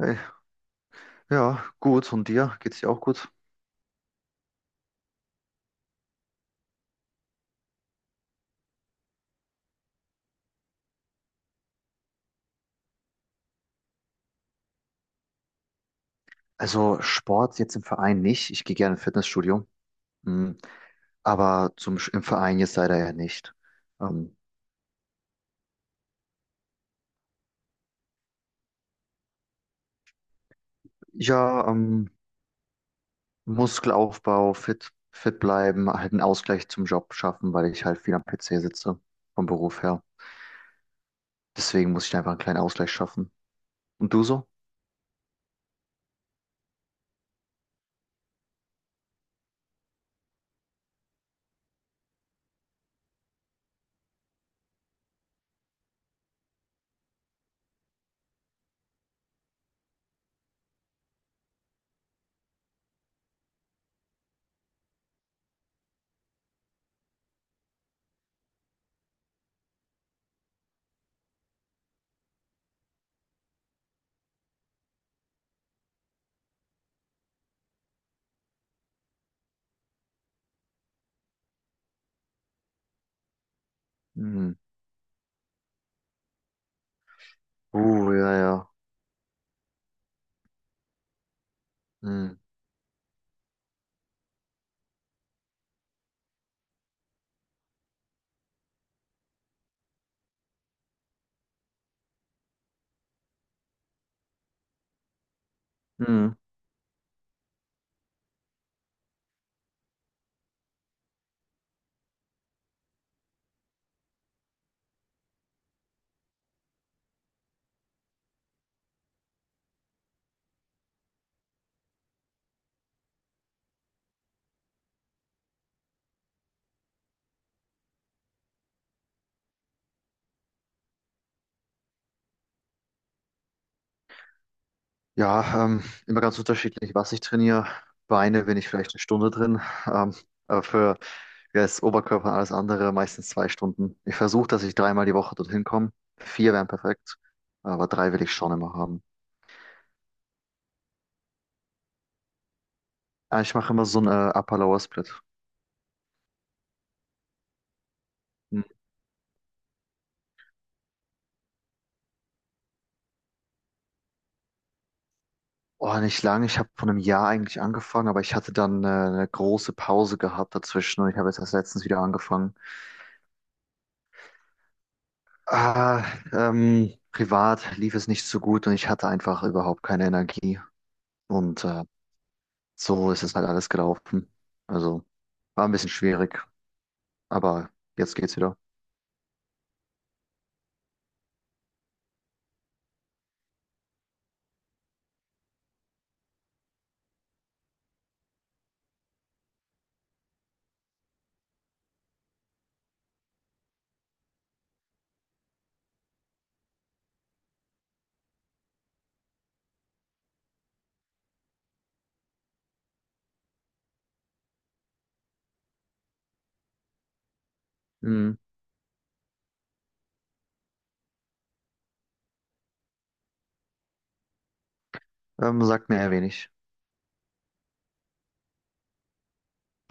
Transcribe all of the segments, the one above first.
Hey, ja, gut. Und dir? Geht's dir auch gut? Also Sport jetzt im Verein nicht. Ich gehe gerne ins Fitnessstudio. Mm, Aber im Verein jetzt leider ja nicht. Ähm, ja, Muskelaufbau, fit, fit bleiben, halt einen Ausgleich zum Job schaffen, weil ich halt viel am PC sitze vom Beruf her. Deswegen muss ich einfach einen kleinen Ausgleich schaffen. Und du so? Mm. Ja, ja. Mm. Mm. Ja, immer ganz unterschiedlich, was ich trainiere. Beine bin ich vielleicht eine Stunde drin, aber für ja, das Oberkörper und alles andere meistens zwei Stunden. Ich versuche, dass ich dreimal die Woche dorthin komme. Vier wären perfekt, aber drei will ich schon immer haben. Ah, ich mache immer so einen Upper-Lower-Split. Hm. Oh, nicht lang. Ich habe vor einem Jahr eigentlich angefangen, aber ich hatte dann eine große Pause gehabt dazwischen und ich habe jetzt erst letztens wieder angefangen. Ah, privat lief es nicht so gut und ich hatte einfach überhaupt keine Energie. Und so ist es halt alles gelaufen. Also war ein bisschen schwierig, aber jetzt geht's wieder. Hm, sagt mir eher wenig.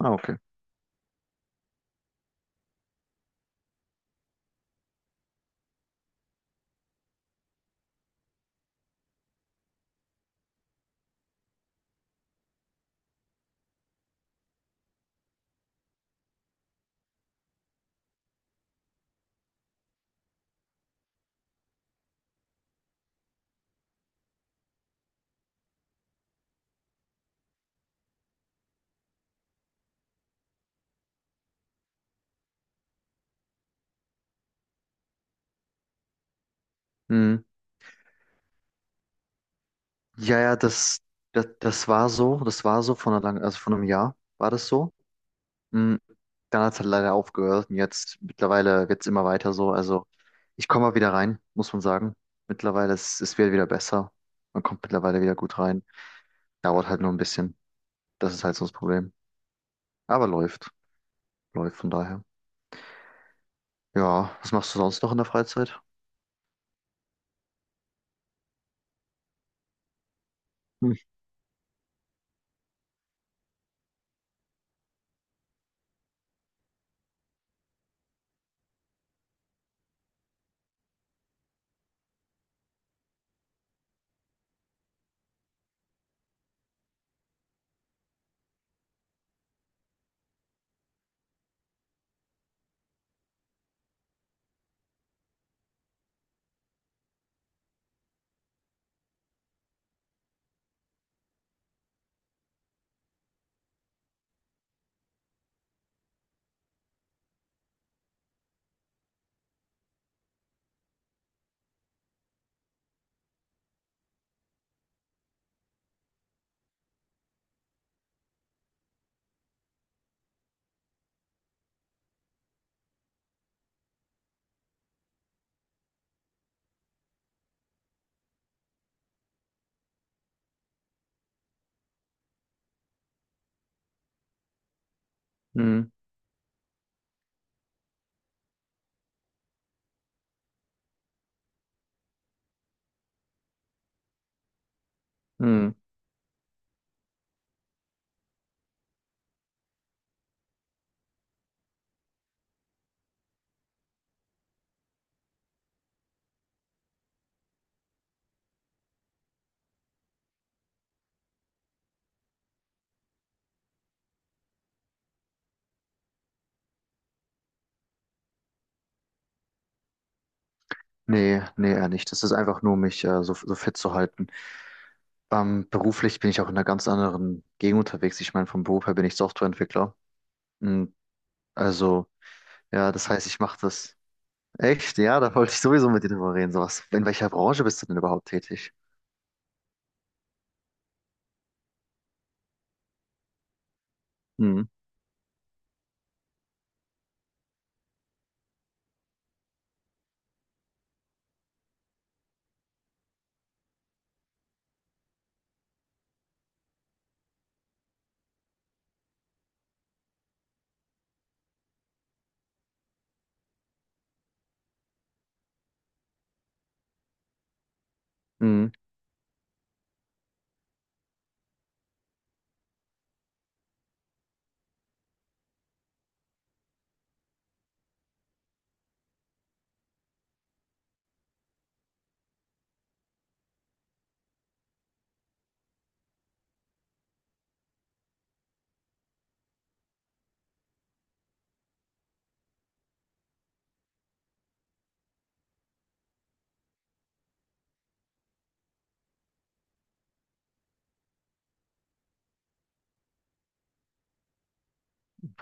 Ah, okay. Hm, ja, ja, das war so. Das war so von einer langen, also von einem Jahr war das so. Hm, Dann hat es halt leider aufgehört und jetzt mittlerweile wird's immer weiter so. Also ich komme mal wieder rein, muss man sagen. Mittlerweile ist es wird wieder besser. Man kommt mittlerweile wieder gut rein. Dauert halt nur ein bisschen. Das ist halt so das Problem. Aber läuft. Läuft von daher. Ja, was machst du sonst noch in der Freizeit? Hm, hm, hm. Nee, nee, eher nicht. Das ist einfach nur, mich so, so fit zu halten. Beruflich bin ich auch in einer ganz anderen Gegend unterwegs. Ich meine, vom Beruf her bin ich Softwareentwickler. Hm, also, ja, das heißt, ich mache das. Echt? Ja, da wollte ich sowieso mit dir drüber reden. So was. In welcher Branche bist du denn überhaupt tätig? Hm, hm,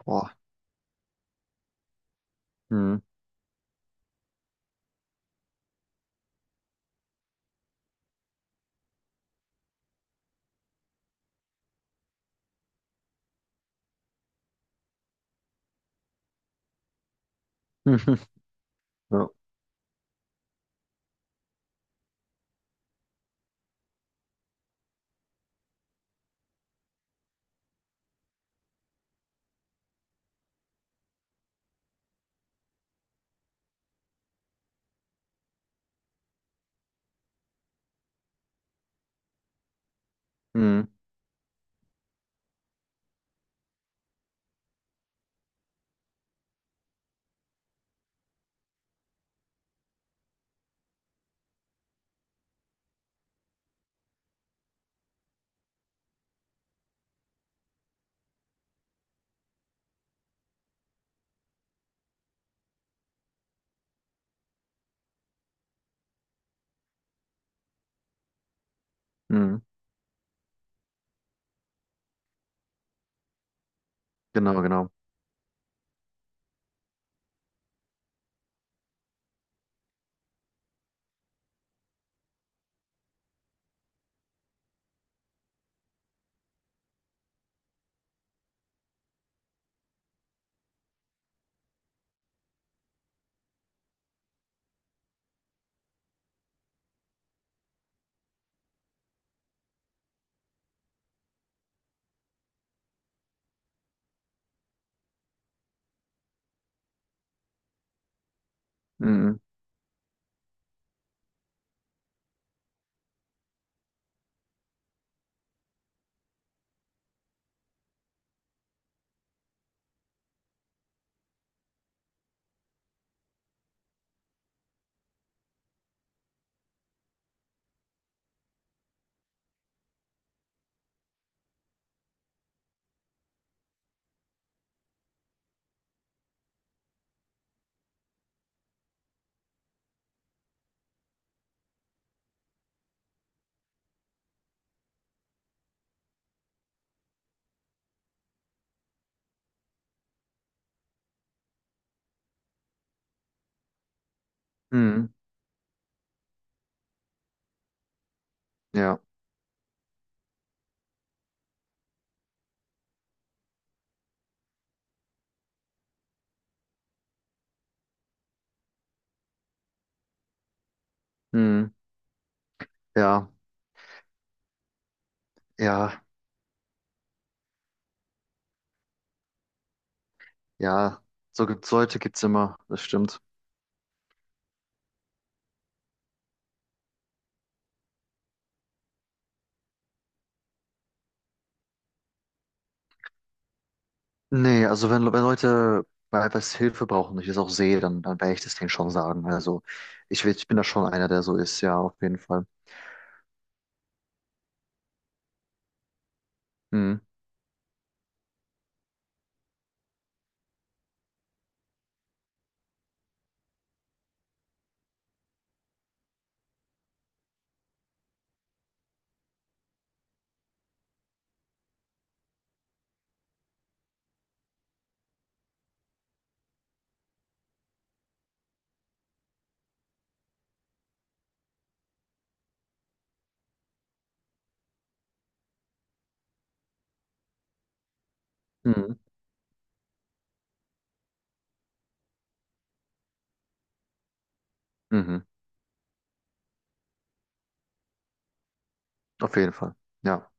boah, hm. Ja. Hm, hm. Genau, genau. Hm, hm. Ja, hm. Ja, ja, ja. So gibt's Leute, gibt's immer. Das stimmt. Nee, also wenn Leute bei etwas Hilfe brauchen und ich das auch sehe, dann, dann werde ich das denen schon sagen. Also ich bin da schon einer, der so ist, ja, auf jeden Fall. Mhm. Mhm. Mhm. Auf jeden Fall. Ja,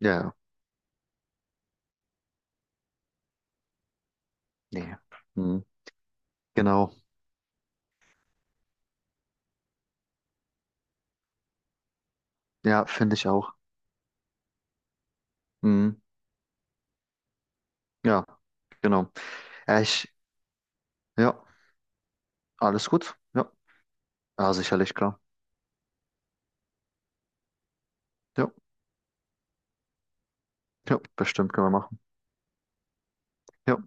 ja, ja. Nee. Mhm. Genau. Ja, finde ich auch. Mhm. Ja, genau. Ja, ich, ja, alles gut. Ja, ja, sicherlich, klar. Ja, ja, bestimmt können wir machen. Ja.